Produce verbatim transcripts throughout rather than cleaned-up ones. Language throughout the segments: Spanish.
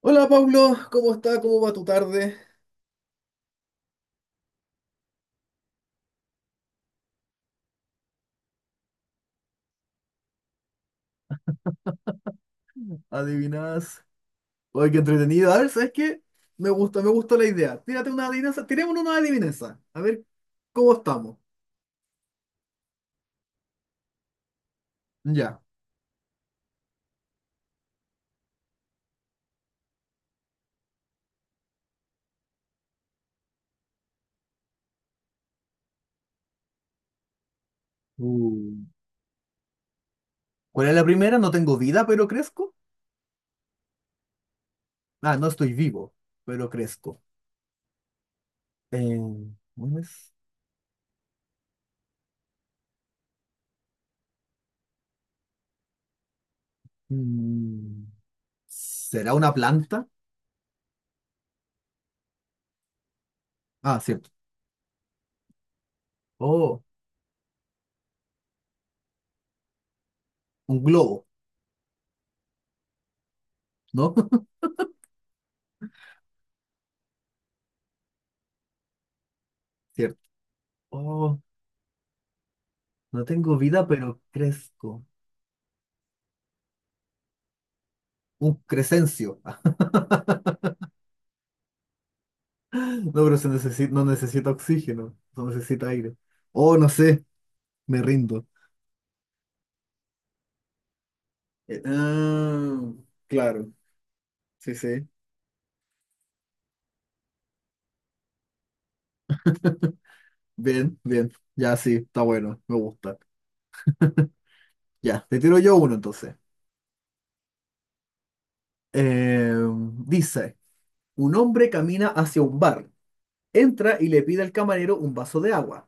Hola Pablo, ¿cómo está? ¿Cómo va tu tarde? Adivinas. Oye, qué entretenido. A ver, ¿sabes qué? Me gusta, me gusta la idea. Tírate una adivinanza, tiremos una adivinanza. A ver cómo estamos. Ya. Uh, ¿Cuál es la primera? No tengo vida, pero crezco. Ah, no estoy vivo, pero crezco. Eh, ¿cómo es? Mm, ¿será una planta? Ah, cierto. Oh, un globo, ¿no? Cierto. Oh, no tengo vida, pero crezco. Un crecencio. No, pero se necesita, no necesita oxígeno, no necesita aire. Oh, no sé, me rindo. Eh, ah, claro, sí, sí. Bien, bien. Ya sí, está bueno, me gusta. Ya, te tiro yo uno entonces. Eh, Dice, un hombre camina hacia un bar, entra y le pide al camarero un vaso de agua.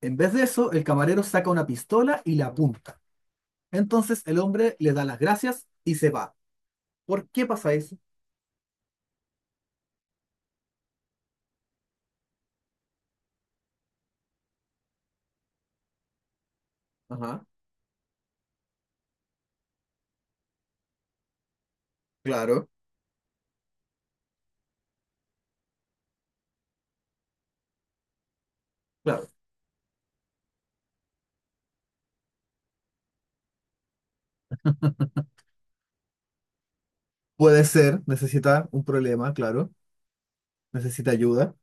En vez de eso, el camarero saca una pistola y la apunta. Entonces el hombre le da las gracias y se va. ¿Por qué pasa eso? Ajá, claro, claro. Puede ser, necesita un problema, claro, necesita ayuda.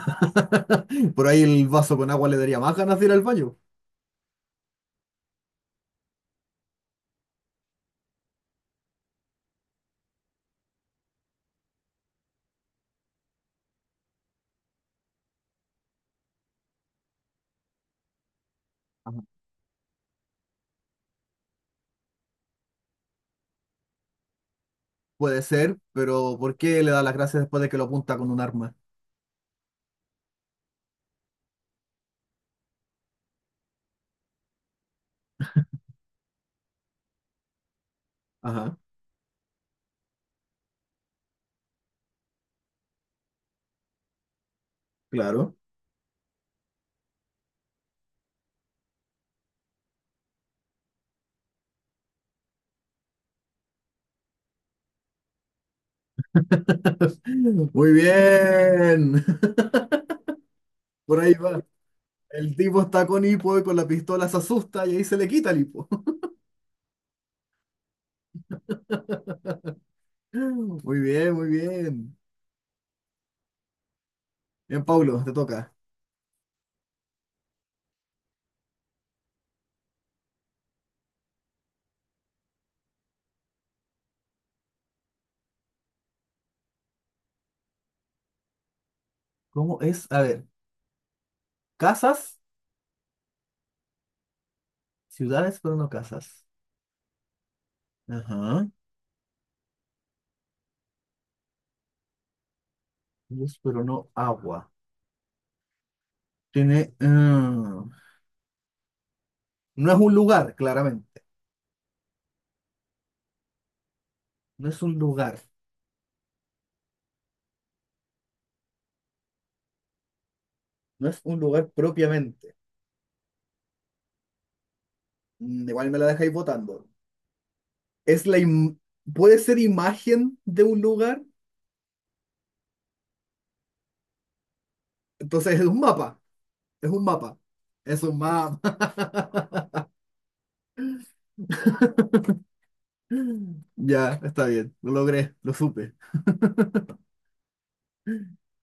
Por ahí el vaso con agua le daría más ganas de ir al baño. Ajá. Puede ser, pero ¿por qué le da las gracias después de que lo apunta con un arma? Ajá, claro. Muy bien. Por ahí va. El tipo está con hipo y con la pistola se asusta y ahí se le quita el hipo. Muy bien, muy bien. Bien, Paulo, te toca. ¿Cómo es? A ver, casas, ciudades, pero no casas. Ajá. Ríos, pero no agua. Tiene, ah, no es un lugar, claramente. No es un lugar. No es un lugar propiamente. Mm, Igual me la dejáis votando. Es la im- Puede ser imagen de un lugar. Entonces es un mapa. Es un mapa. Es un mapa. Ya, está bien. Lo logré. Lo supe.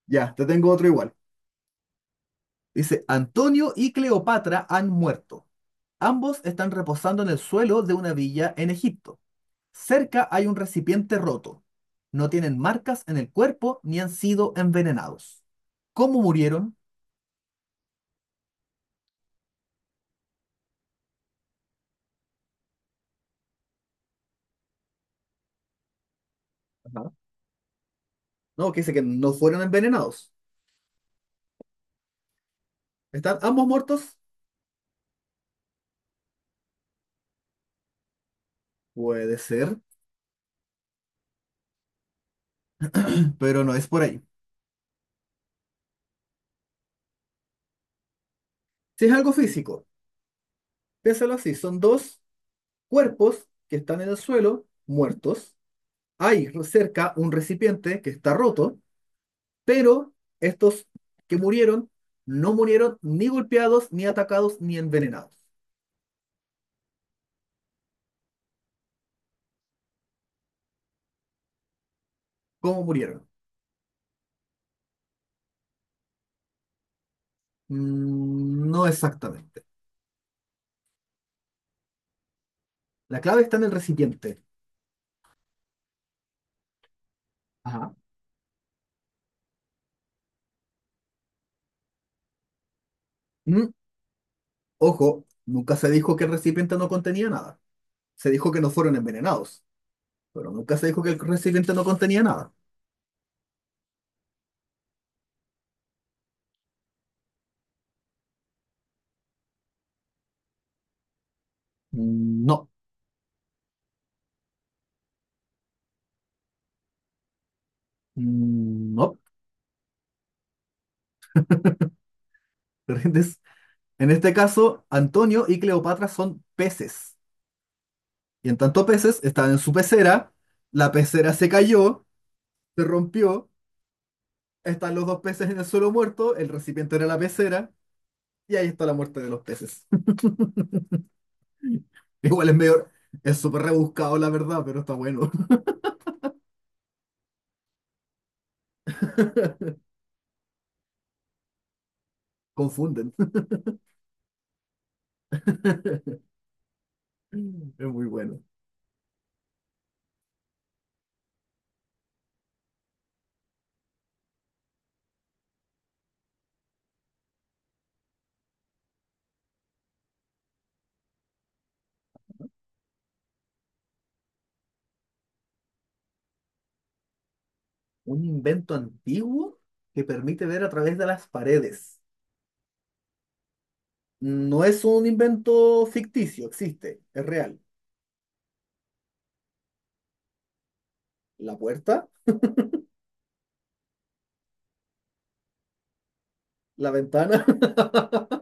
Ya, te tengo otro igual. Dice, Antonio y Cleopatra han muerto. Ambos están reposando en el suelo de una villa en Egipto. Cerca hay un recipiente roto. No tienen marcas en el cuerpo ni han sido envenenados. ¿Cómo murieron? Ajá. No, que dice que no fueron envenenados. ¿Están ambos muertos? Puede ser, pero no es por ahí. Si es algo físico, piénsalo así, son dos cuerpos que están en el suelo, muertos. Hay cerca un recipiente que está roto, pero estos que murieron no murieron ni golpeados, ni atacados, ni envenenados. ¿Cómo murieron? Mm, No exactamente. La clave está en el recipiente. Ajá. Mm, Ojo, nunca se dijo que el recipiente no contenía nada. Se dijo que no fueron envenenados, pero nunca se dijo que el recipiente no contenía nada. Mm, No. Mm, No, ¿te En este caso, Antonio y Cleopatra son peces. Y en tanto peces, estaban en su pecera, la pecera se cayó, se rompió, están los dos peces en el suelo muerto, el recipiente era la pecera, y ahí está la muerte de los peces. Igual es medio, es súper rebuscado la verdad, pero está bueno. Confunden. Es muy bueno. Un invento antiguo que permite ver a través de las paredes. No es un invento ficticio, existe, es real. La puerta, la ventana,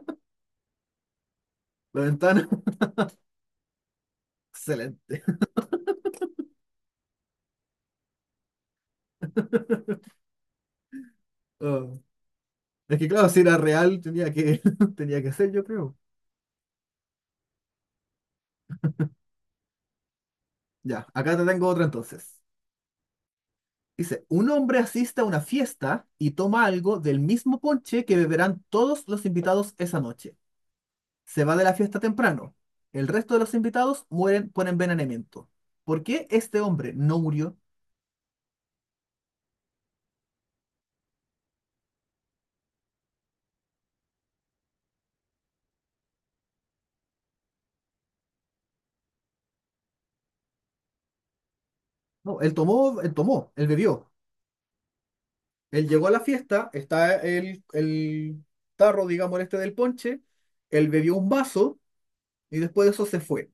la ventana. Excelente. Ah, es que claro, si era real, tenía que, tenía que ser, yo creo. Ya, acá te tengo otra entonces. Dice, un hombre asiste a una fiesta y toma algo del mismo ponche que beberán todos los invitados esa noche. Se va de la fiesta temprano. El resto de los invitados mueren por envenenamiento. ¿Por qué este hombre no murió? No, él tomó, él tomó, él bebió. Él llegó a la fiesta, está el, el tarro, digamos, este del ponche, él bebió un vaso y después de eso se fue.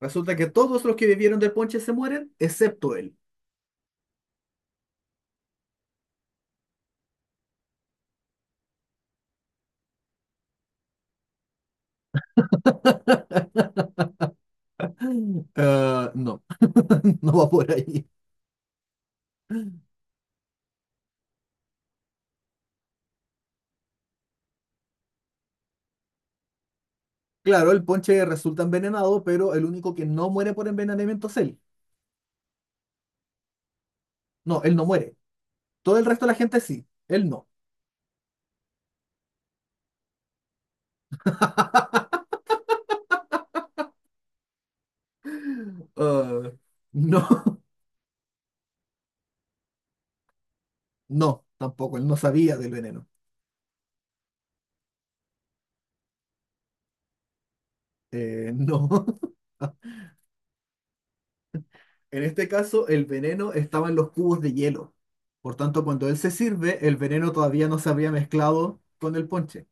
Resulta que todos los que bebieron del ponche se mueren, excepto él. Eh, no, no va por ahí. Claro, el ponche resulta envenenado, pero el único que no muere por envenenamiento es él. No, él no muere. Todo el resto de la gente sí, él no. Ah, no, no, tampoco, él no sabía del veneno. Eh, no. En este caso, el veneno estaba en los cubos de hielo. Por tanto, cuando él se sirve, el veneno todavía no se había mezclado con el ponche.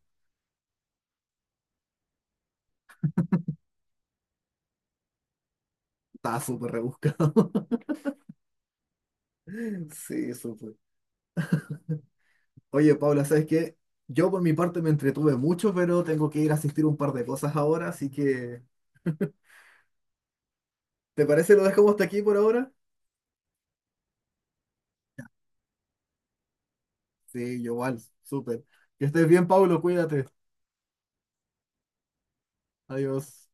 Está súper rebuscado. Sí, súper. Oye, Paula, ¿sabes qué? Yo por mi parte me entretuve mucho, pero tengo que ir a asistir a un par de cosas ahora, así que... ¿Te parece lo dejamos hasta aquí por ahora? Sí, yo igual, súper. Que estés bien, Pablo, cuídate. Adiós.